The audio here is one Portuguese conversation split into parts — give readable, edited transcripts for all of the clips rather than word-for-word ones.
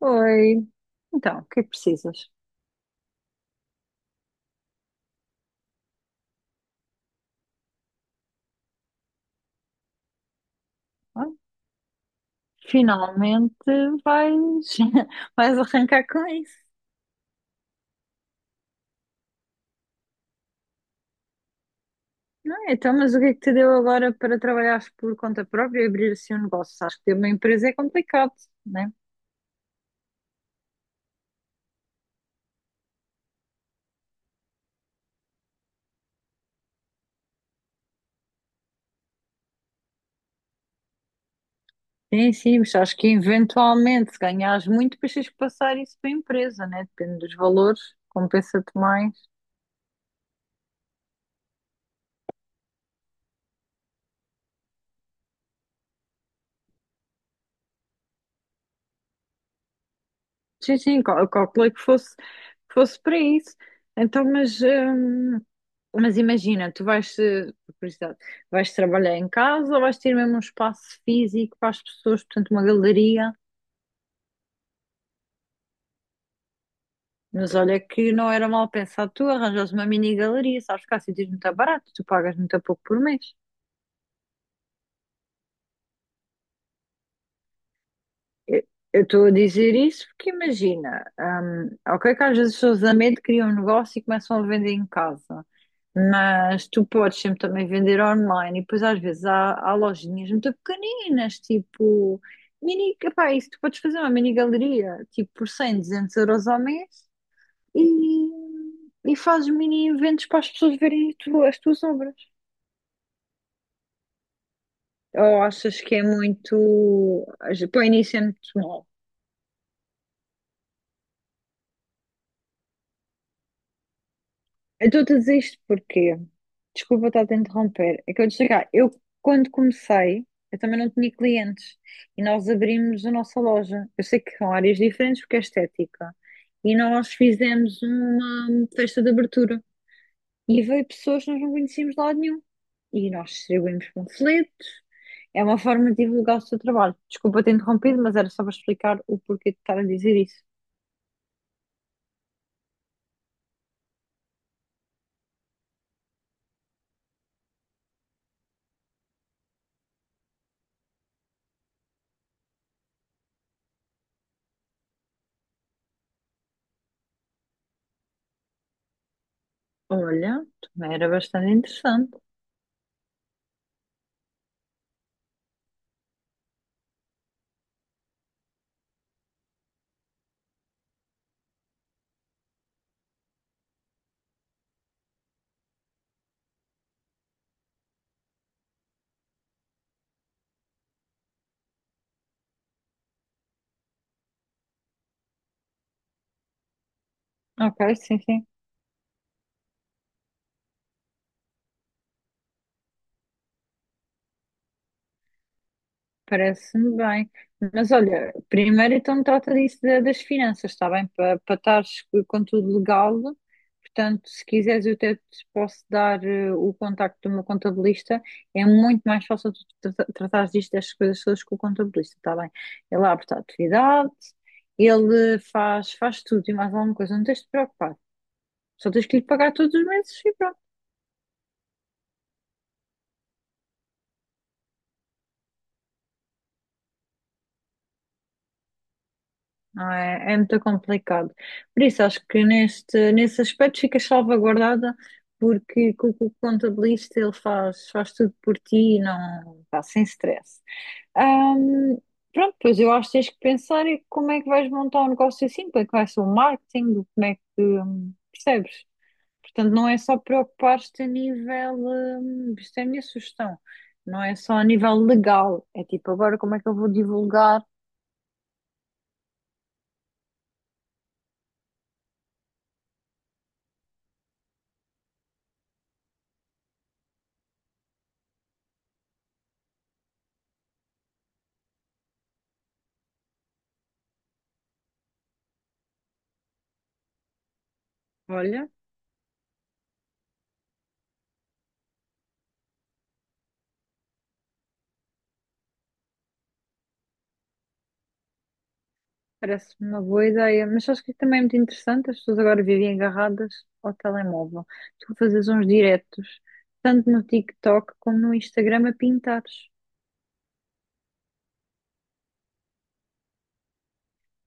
Oi, então, o que é que precisas? Ah, finalmente vais, vais arrancar com isso, não é? Então, mas o que é que te deu agora para trabalhares por conta própria e abrir assim um negócio? Sabes que ter uma empresa é complicado, né? Sim, sim, mas acho que eventualmente, se ganhares muito, depois tens que passar isso para a empresa, né? Depende dos valores, compensa-te mais. Sim, sim, eu calculei que fosse para isso. Então, mas imagina, tu vais, por curiosidade, vais trabalhar em casa ou vais ter mesmo um espaço físico para as pessoas, portanto, uma galeria. Mas olha que não era mal pensado tu arranjas uma mini galeria, sabes que há sítios muito baratos, tu pagas muito pouco por mês. Eu eu estou a dizer isso porque imagina, ok que às vezes as pessoas a medo criam um negócio e começam a vender em casa. Mas tu podes sempre também vender online e depois às vezes há lojinhas muito pequeninas, tipo mini, epá, isso tu podes fazer uma mini galeria, tipo por 100, 200 euros ao mês e, e fazes mini eventos para as pessoas verem as tuas obras. Ou achas que é muito, para o início é muito, eu estou a dizer isto porque, desculpa estar a te interromper, é que eu ia chegar, eu quando comecei, eu também não tinha clientes e nós abrimos a nossa loja. Eu sei que são áreas diferentes porque é estética e nós fizemos uma festa de abertura e veio pessoas que nós não conhecíamos de lado nenhum e nós distribuímos panfletos, é uma forma de divulgar o seu trabalho. Desculpa ter interrompido, mas era só para explicar o porquê de estar a dizer isso. Olha, também era bastante interessante. Ok, sim, sim. Parece-me bem. Mas olha, primeiro então trata disso das finanças, está bem? Para estares com tudo legal. Portanto, se quiseres, eu até te posso dar o contacto do meu contabilista. É muito mais fácil tu tratares disto, destas coisas todas com o contabilista, está bem? Ele abre a atividade, ele faz, faz tudo e mais alguma coisa. Não tens de te preocupar. Só tens que lhe pagar todos os meses e pronto. Não é, é muito complicado. Por isso, acho que neste, nesse aspecto fica salvaguardada, porque o contabilista ele faz, faz tudo por ti e não pá, sem stress. Ahm, Pronto, pois eu acho que tens que pensar em como é que vais montar um negócio assim, como é que vai ser o marketing, como é que percebes? Portanto, não é só preocupar-te a nível, isto é a minha sugestão, não é só a nível legal, é tipo agora como é que eu vou divulgar. Olha, parece uma boa ideia, mas acho que também é muito interessante. As pessoas agora vivem agarradas ao telemóvel. Tu fazes uns diretos, tanto no TikTok como no Instagram, a pintares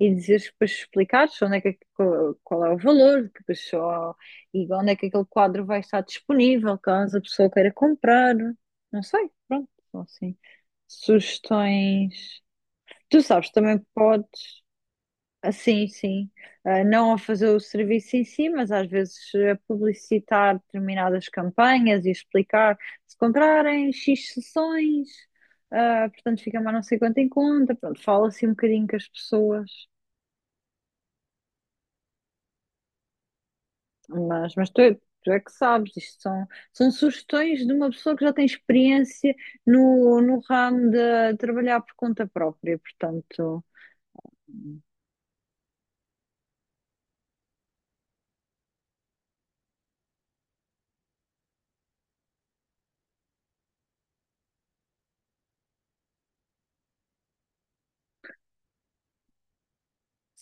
e dizeres que depois explicares onde é que, qual qual é o valor que pessoa e onde é que aquele quadro vai estar disponível, caso a pessoa queira comprar. Não sei, pronto, são assim sugestões. Tu sabes, também podes. Ah, sim, sim. Ah, não a fazer o serviço em si, mas às vezes a publicitar determinadas campanhas e explicar se comprarem X sessões, ah, portanto fica mais não sei quanto em conta. Pronto, fala assim um bocadinho com as pessoas. Mas, mas tu é que sabes, isto são, são sugestões de uma pessoa que já tem experiência no ramo de trabalhar por conta própria, portanto.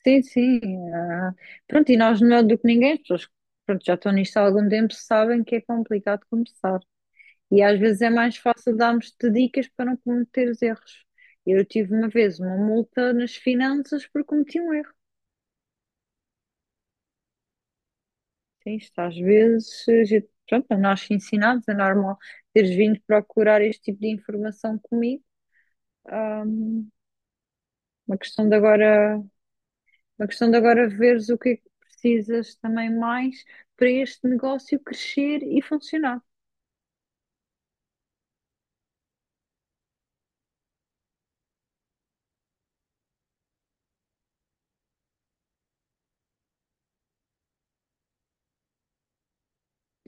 Sim, sim. Ah, pronto, e nós melhor do que ninguém, as pessoas que pronto, já estão nisto há algum tempo sabem que é complicado começar. E às vezes é mais fácil darmos-te dicas para não cometer os erros. Eu tive uma vez uma multa nas finanças por cometi um erro. Sim, isto às vezes, pronto, nós ensinados, é normal teres vindo procurar este tipo de informação comigo. Ah, uma questão de agora. A questão de agora veres o que é que precisas também mais para este negócio crescer e funcionar.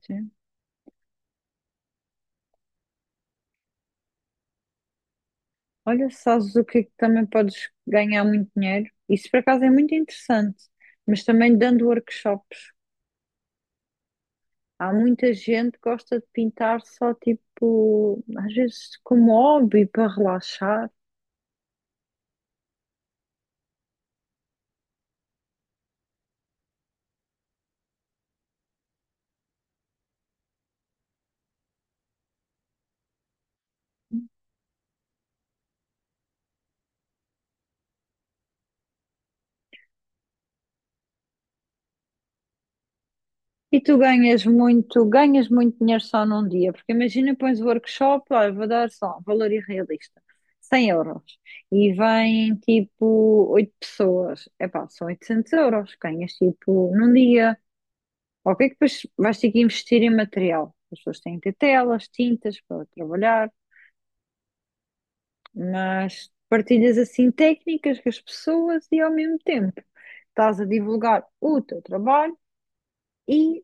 Sim. Olha, sabes o que é que também podes ganhar muito dinheiro? Isso por acaso é muito interessante, mas também dando workshops. Há muita gente que gosta de pintar só tipo, às vezes como hobby para relaxar. E tu ganhas muito dinheiro só num dia, porque imagina, pões o workshop, olha, vou dar só, valor irrealista, 100 euros, e vêm tipo 8 pessoas, epá, são 800 euros, ganhas tipo num dia, ok, que depois vais ter que investir em material, as pessoas têm que ter telas, tintas para trabalhar, mas partilhas assim técnicas com as pessoas e ao mesmo tempo estás a divulgar o teu trabalho e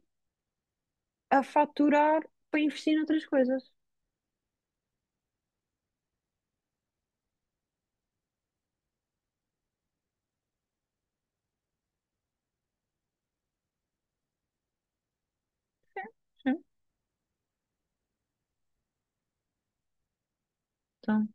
a faturar para investir noutras coisas. Então,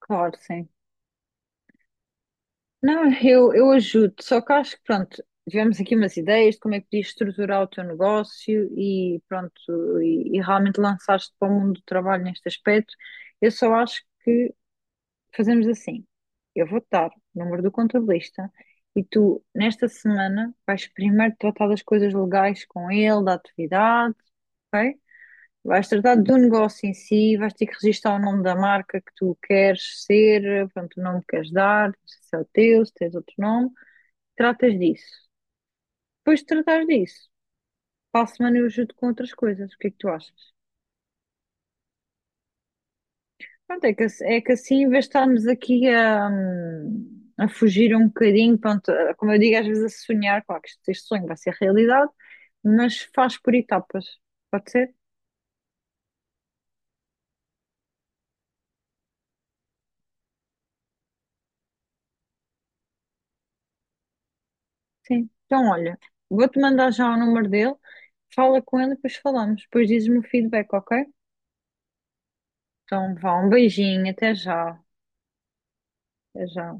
claro, sim. Não, eu ajudo, só que acho que, pronto, tivemos aqui umas ideias de como é que podias estruturar o teu negócio e, pronto, e realmente lançaste para o mundo do trabalho neste aspecto. Eu só acho que fazemos assim: eu vou-te dar o número do contabilista e tu, nesta semana, vais primeiro tratar das coisas legais com ele, da atividade, ok? Vais tratar do negócio em si, vais ter que registrar o nome da marca que tu queres ser, pronto, o nome que queres dar, se é o teu, se tens outro nome. Tratas disso. Depois de tratares disso, para a semana eu ajudo com outras coisas. O que é que tu achas? Pronto, é que, é que assim, em vez de estarmos aqui a fugir um bocadinho, pronto, como eu digo, às vezes a sonhar, claro que este sonho vai ser realidade, mas faz por etapas. Pode ser? Sim. Então, olha, vou-te mandar já o número dele, fala com ele depois falamos. Depois dizes-me o feedback, ok? Então, vá, um beijinho, até já. Até já.